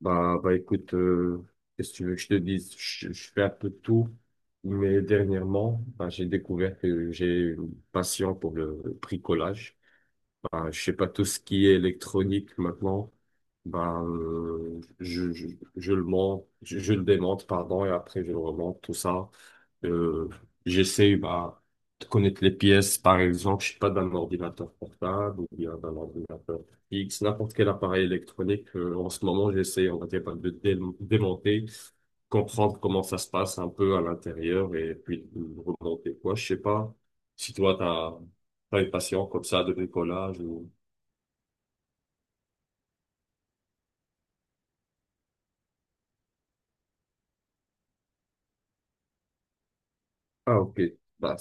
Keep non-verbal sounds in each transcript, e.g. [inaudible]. Bah écoute, qu'est-ce que tu veux que je te dise? Je fais un peu de tout, mais dernièrement, bah, j'ai découvert que j'ai une passion pour le bricolage. Bah, je sais pas, tout ce qui est électronique maintenant, bah, je le monte, je le démonte, pardon, et après je le remonte, tout ça. Euh, J'essaie bah, de connaître les pièces, par exemple, je suis pas, d'un ordinateur portable ou bien d'un ordinateur fixe, n'importe quel appareil électronique. En ce moment, j'essaie, on va dire, bah, de démonter, comprendre comment ça se passe un peu à l'intérieur et puis de remonter quoi. Je sais pas si toi, t'as une passion comme ça de bricolage ou... Ah, ok. Bah,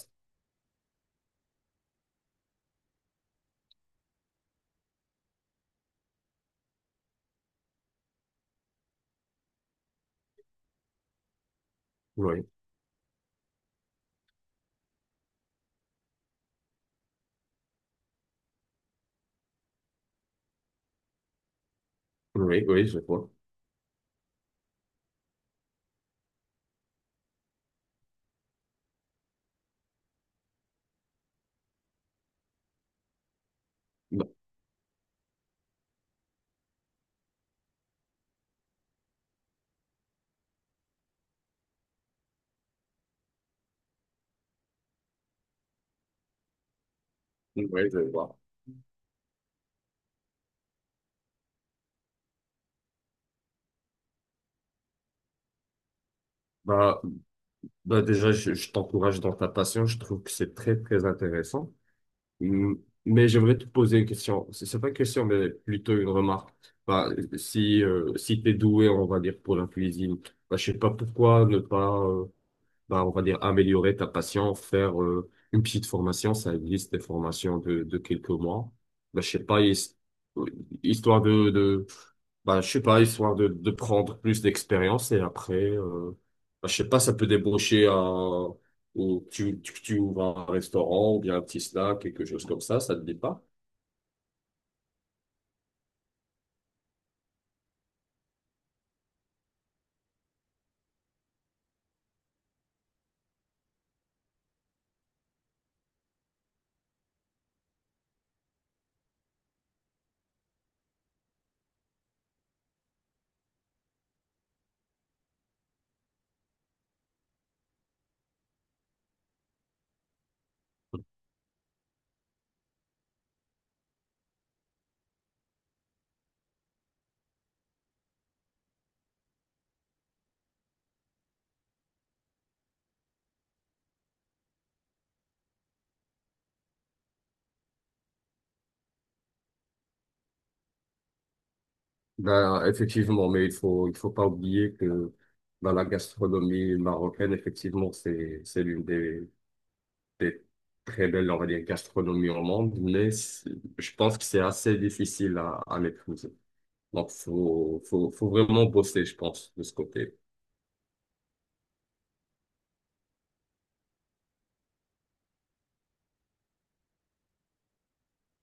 oui, oui, oui, je vois. Bah, oui, je vois. Bah, Bah déjà, je t'encourage dans ta passion. Je trouve que c'est très, très intéressant. Mm, Mais j'aimerais te poser une question. C'est pas une question, mais plutôt une remarque. Bah, si si tu es doué, on va dire, pour la cuisine, bah, je sais pas pourquoi ne pas bah, on va dire, améliorer ta passion, faire une petite formation. Ça existe des formations de quelques mois. Bah, je sais pas, histoire de bah, je sais pas, histoire de prendre plus d'expérience et après, bah, je sais pas, ça peut débaucher à, ou tu ouvres un restaurant ou bien un petit snack, quelque chose comme ça te dit pas? Ben, effectivement, mais il faut pas oublier que ben, la gastronomie marocaine, effectivement, c'est l'une des très belles, on va dire, gastronomies au monde, mais je pense que c'est assez difficile à maîtriser. Donc, faut vraiment bosser, je pense, de ce côté.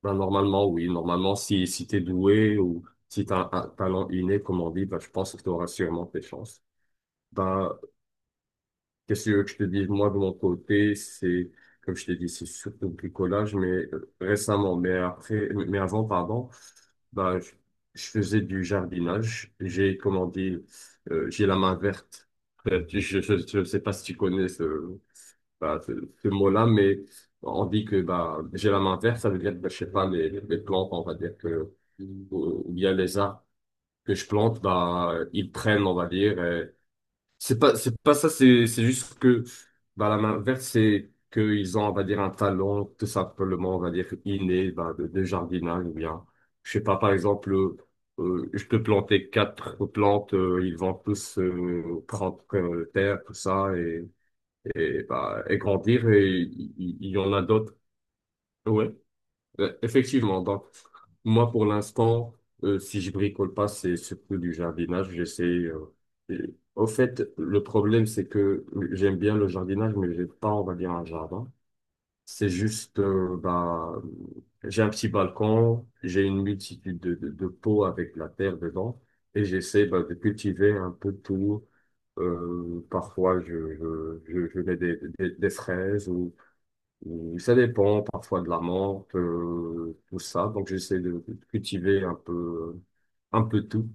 Ben, normalement, oui, normalement, si t'es doué ou si t'as un talent inné, comme on dit, ben, je pense que tu auras sûrement tes chances. Ben, qu'est-ce que tu veux que je te dis, moi, de mon côté, c'est, comme je t'ai dit, c'est surtout le bricolage, mais récemment, mais après, mais avant, pardon, bah, je faisais du jardinage. J'ai, comment dire, j'ai la main verte. [laughs] Je sais pas si tu connais bah, ce mot-là, mais on dit que, bah, j'ai la main verte, ça veut dire, que, bah, je sais pas, les plantes, on va dire que, ou bien les arbres que je plante, bah, ils prennent, on va dire, c'est pas ça, c'est juste que bah, la main verte, c'est qu'ils ont, on va dire, un talent tout simplement, on va dire, inné bah, de jardinage ou bien, je sais pas, par exemple, je peux planter quatre plantes, ils vont tous prendre terre, tout ça, bah, et grandir, et il y en a d'autres. Ouais. Effectivement, donc moi pour l'instant, si je bricole pas, c'est surtout du jardinage. J'essaie. Au fait, le problème c'est que j'aime bien le jardinage, mais j'ai pas, on va dire, un jardin. C'est juste, bah, j'ai un petit balcon, j'ai une multitude de pots avec la terre dedans, et j'essaie bah, de cultiver un peu tout. Parfois, je mets des fraises. Ça dépend parfois de la menthe, tout ça. Donc j'essaie de cultiver un peu tout.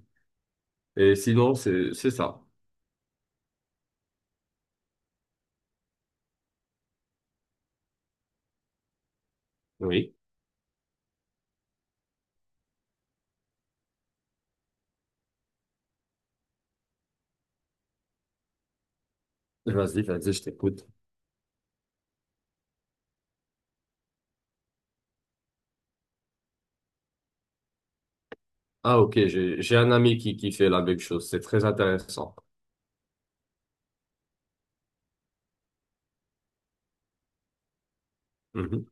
Et sinon, c'est ça. Oui. Vas-y, vas-y, je t'écoute. Ah, ok, j'ai un ami qui fait la même chose. C'est très intéressant. Mhm.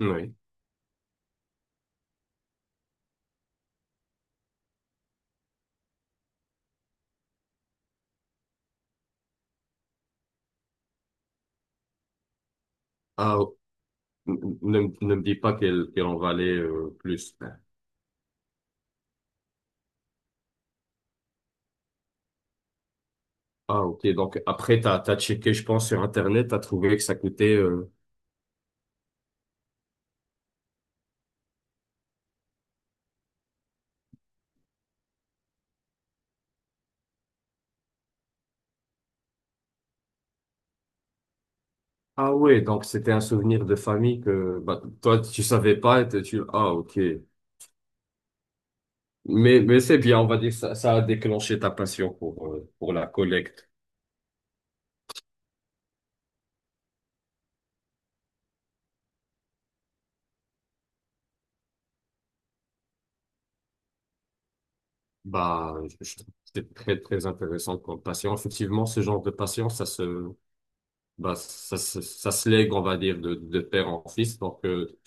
Oui. Ah, ne me dis pas qu'elle en valait plus. Ah, ok. Donc, après, t'as checké, je pense, sur Internet, t'as trouvé que ça coûtait... Ah ouais, donc c'était un souvenir de famille que bah, toi, tu savais pas. Ah, ok. Mais c'est bien, on va dire, ça a déclenché ta passion pour la collecte. Bah, je c'est très, très intéressant comme passion. Effectivement, ce genre de passion, bah, ça se lègue, on va dire, de père en fils. Donc,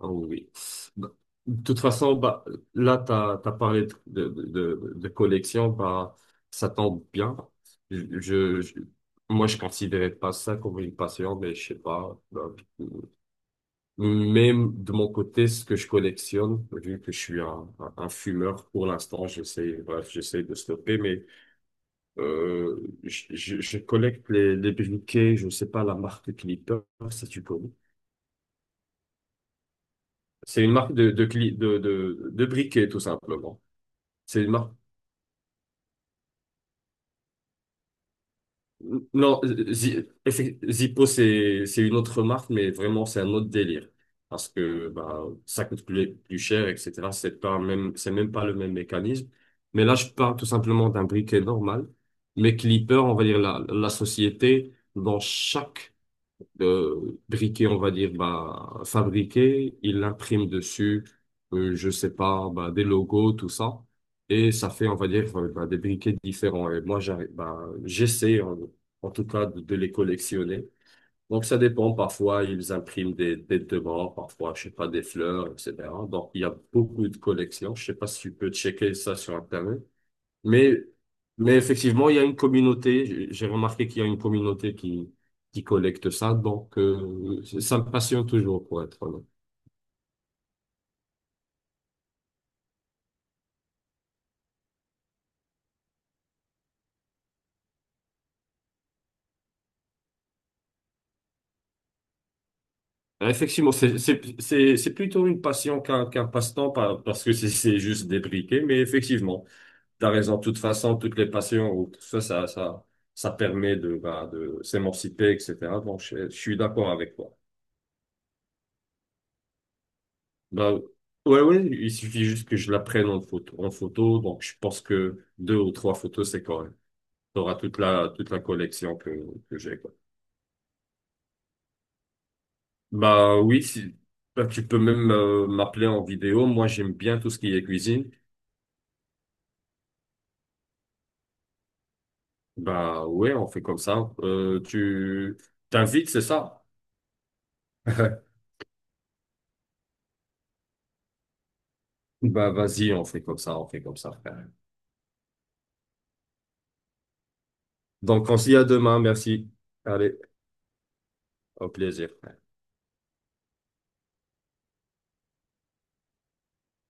ah oui. Bah, de toute façon, bah, là, tu as, parlé de collection, bah, ça tombe bien. Je, je, je- Moi, je considérais pas ça comme une passion, mais je sais pas. Bah, mais de mon côté, ce que je collectionne, vu que je suis un fumeur pour l'instant, j'essaie, bref, j'essaie de stopper, mais je collecte les briquets, je ne sais pas la marque Clipper, ça tu connais. C'est une marque de, cli- de briquets, tout simplement. C'est une marque. Non, Zippo, c'est une autre marque, mais vraiment, c'est un autre délire. Parce que bah, ça coûte plus, plus cher, etc. C'est même pas le même mécanisme. Mais là, je parle tout simplement d'un briquet normal. Mais Clipper, on va dire la société, dans chaque de briquet, on va dire, bah, fabriqué. Il imprime dessus, je sais pas, bah, des logos, tout ça. Et ça fait, on va dire, bah, des briquets différents. Et moi, j'arrive, bah, j'essaie, en tout cas, de les collectionner. Donc, ça dépend. Parfois, ils impriment des morts, parfois, je sais pas, des fleurs, etc. Donc, il y a beaucoup de collections. Je sais pas si tu peux checker ça sur Internet. Mais, mais effectivement, il y a une communauté. J'ai remarqué qu'il y a une communauté qui collecte ça. Donc, ça me passionne toujours, pour être honnête. Effectivement, c'est plutôt une passion qu'un passe-temps parce que c'est juste débriqué. Mais effectivement, t'as raison. De toute façon, toutes les passions ou tout ça, ça permet de, bah, de s'émanciper, etc. Donc, je suis d'accord avec toi. Bah, ouais, ouais, il suffit juste que je la prenne en photo, en photo. Donc, je pense que deux ou trois photos, c'est correct. T'auras toute la collection que j'ai quoi. Bah oui, si bah, tu peux même m'appeler en vidéo. Moi, j'aime bien tout ce qui est cuisine. Bah ouais, on fait comme ça. Tu t'invites, c'est ça? [laughs] Bah vas-y, on fait comme ça, on fait comme ça, frère. Donc on se dit à demain, merci. Allez, au plaisir.